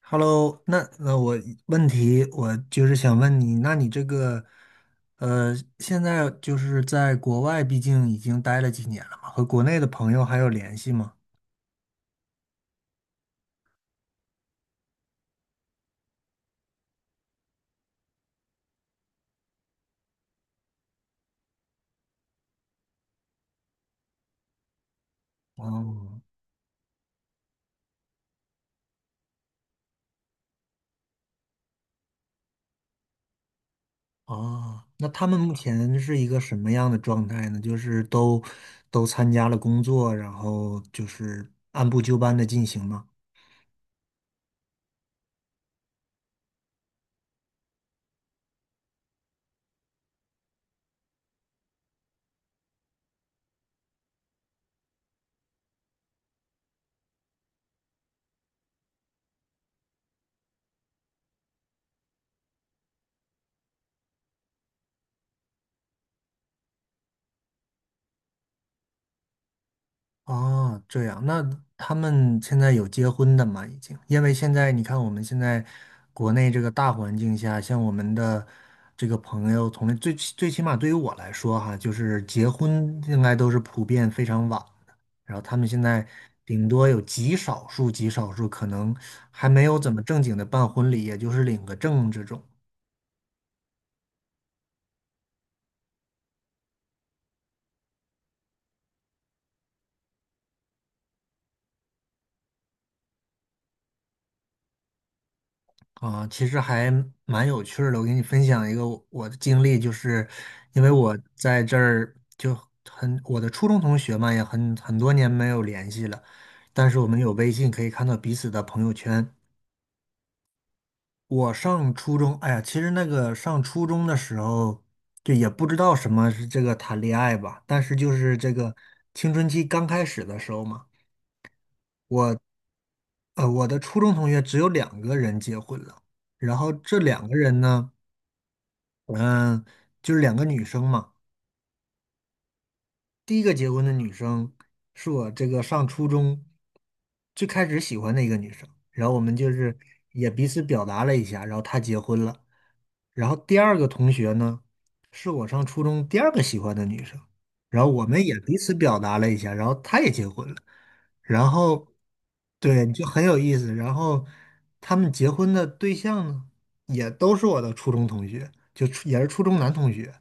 Hello，那问题我就是想问你，那你这个现在就是在国外，毕竟已经待了几年了嘛，和国内的朋友还有联系吗？哦哦，那他们目前是一个什么样的状态呢？就是都参加了工作，然后就是按部就班的进行吗？哦，这样，那他们现在有结婚的吗？已经，因为现在你看，我们现在国内这个大环境下，像我们的这个朋友从最最起码对于我来说哈，就是结婚应该都是普遍非常晚的，然后他们现在顶多有极少数极少数可能还没有怎么正经的办婚礼，也就是领个证这种。啊，其实还蛮有趣儿的。我给你分享一个我的经历，就是因为我在这儿就很，我的初中同学嘛，也很多年没有联系了，但是我们有微信可以看到彼此的朋友圈。我上初中，哎呀，其实那个上初中的时候，就也不知道什么是这个谈恋爱吧，但是就是这个青春期刚开始的时候嘛，我我的初中同学只有两个人结婚了，然后这两个人呢。嗯，就是两个女生嘛。第一个结婚的女生是我这个上初中最开始喜欢的一个女生，然后我们就是也彼此表达了一下，然后她结婚了。然后第二个同学呢，是我上初中第二个喜欢的女生，然后我们也彼此表达了一下，然后她也结婚了。然后，对，就很有意思。然后他们结婚的对象呢，也都是我的初中同学，也是初中男同学。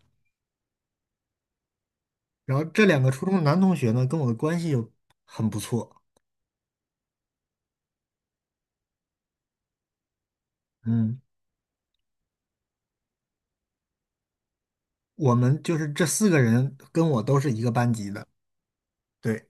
然后这两个初中男同学呢，跟我的关系又很不错，嗯，我们就是这四个人跟我都是一个班级的，对。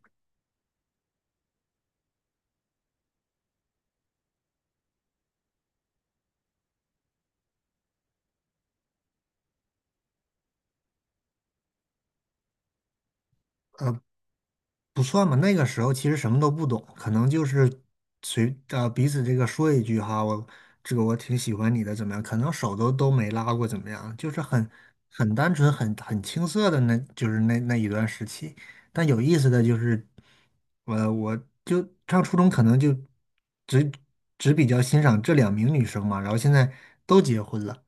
不算吧，那个时候其实什么都不懂，可能就是彼此这个说一句哈，我这个我挺喜欢你的，怎么样？可能手都没拉过，怎么样？就是很单纯、很青涩的那，就是那一段时期。但有意思的就是，我就上初中可能就只只比较欣赏这两名女生嘛，然后现在都结婚了。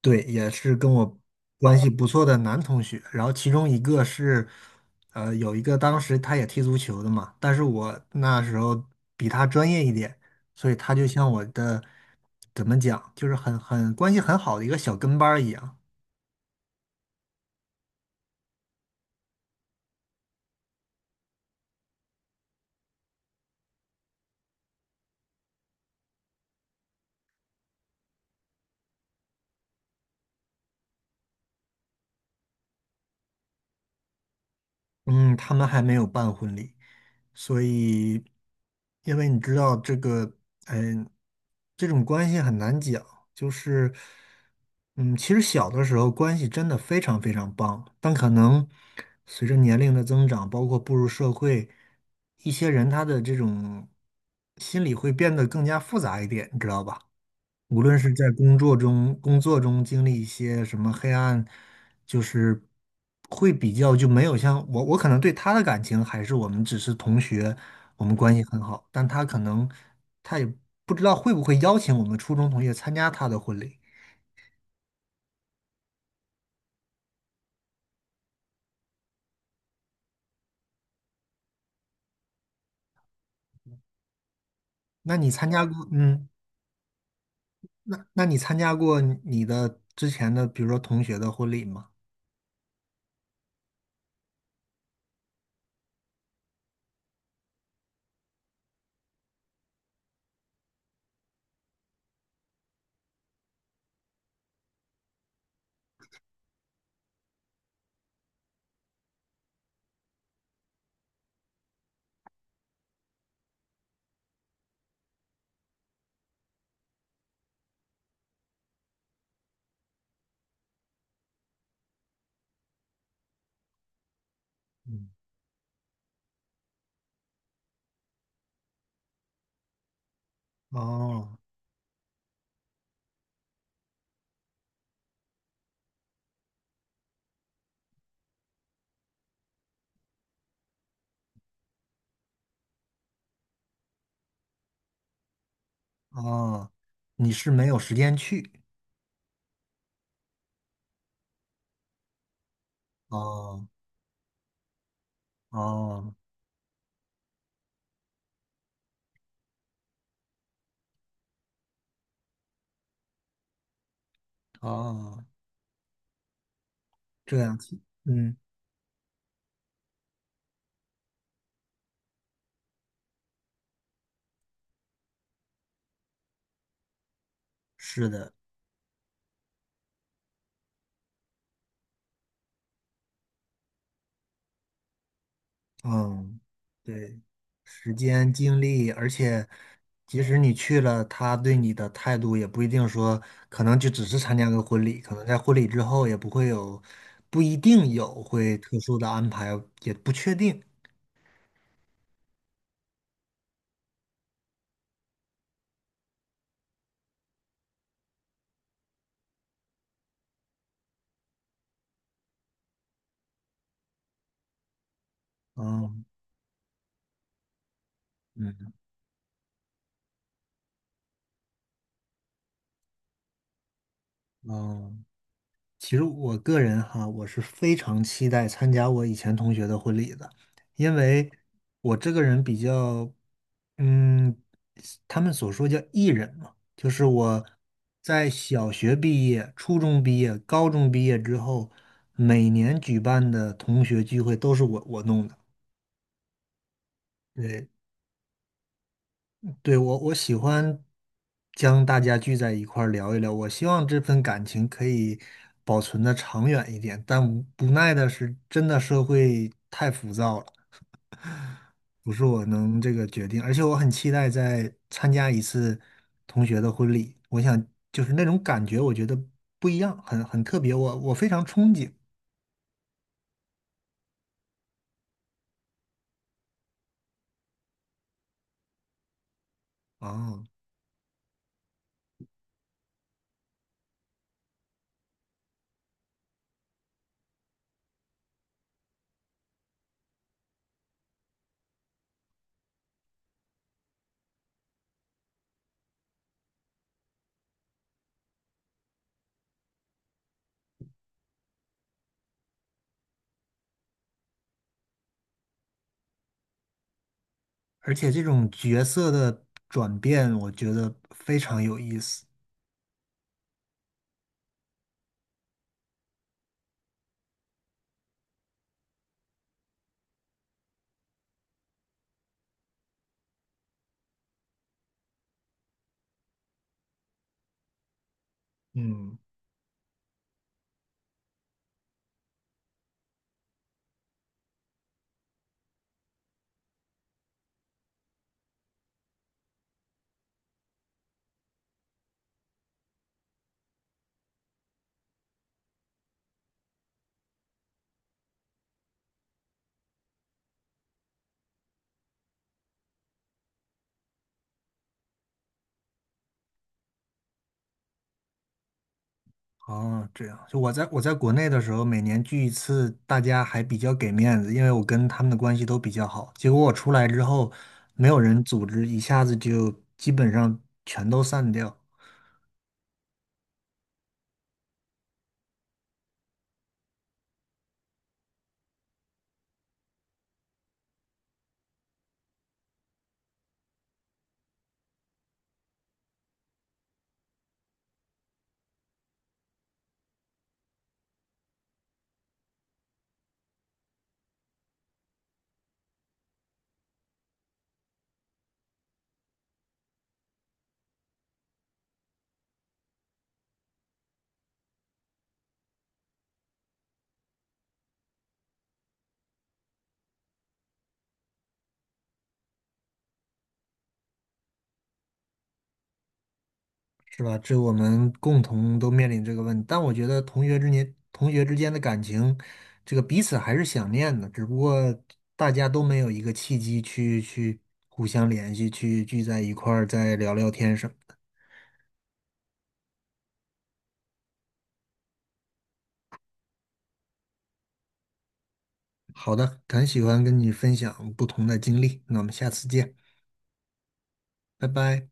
对，也是跟我关系不错的男同学。然后其中一个是，呃，有一个当时他也踢足球的嘛，但是我那时候比他专业一点，所以他就像我的，怎么讲，就是很关系很好的一个小跟班儿一样。嗯，他们还没有办婚礼，所以，因为你知道这个，嗯，这种关系很难讲，就是，嗯，其实小的时候关系真的非常非常棒，但可能随着年龄的增长，包括步入社会，一些人他的这种心理会变得更加复杂一点，你知道吧？无论是在工作中经历一些什么黑暗，就是会比较就没有像我，我可能对他的感情还是我们只是同学，我们关系很好，但他可能他也不知道会不会邀请我们初中同学参加他的婚礼。那你参加过，嗯，那你参加过你的之前的，比如说同学的婚礼吗？嗯，哦哦，你是没有时间去，哦哦哦，这样子。嗯。是的，嗯，对，时间、精力，而且即使你去了，他对你的态度也不一定说，可能就只是参加个婚礼，可能在婚礼之后也不会有，不一定有会特殊的安排，也不确定。嗯嗯嗯。其实我个人哈，我是非常期待参加我以前同学的婚礼的，因为我这个人比较，嗯，他们所说叫艺人嘛，就是我在小学毕业、初中毕业、高中毕业之后，每年举办的同学聚会都是我弄的，对，对，我喜欢将大家聚在一块儿聊一聊。我希望这份感情可以保存的长远一点，但无奈的是，真的社会太浮躁了，不是我能这个决定。而且我很期待再参加一次同学的婚礼，我想就是那种感觉，我觉得不一样，很特别，我非常憧憬啊。而且这种角色的转变，我觉得非常有意思。嗯。哦，这样，就我在国内的时候，每年聚一次，大家还比较给面子，因为我跟他们的关系都比较好。结果我出来之后，没有人组织，一下子就基本上全都散掉，是吧？这我们共同都面临这个问题。但我觉得同学之间的感情，这个彼此还是想念的，只不过大家都没有一个契机去互相联系，去聚在一块儿再聊聊天什么。好的，很喜欢跟你分享不同的经历，那我们下次见，拜拜。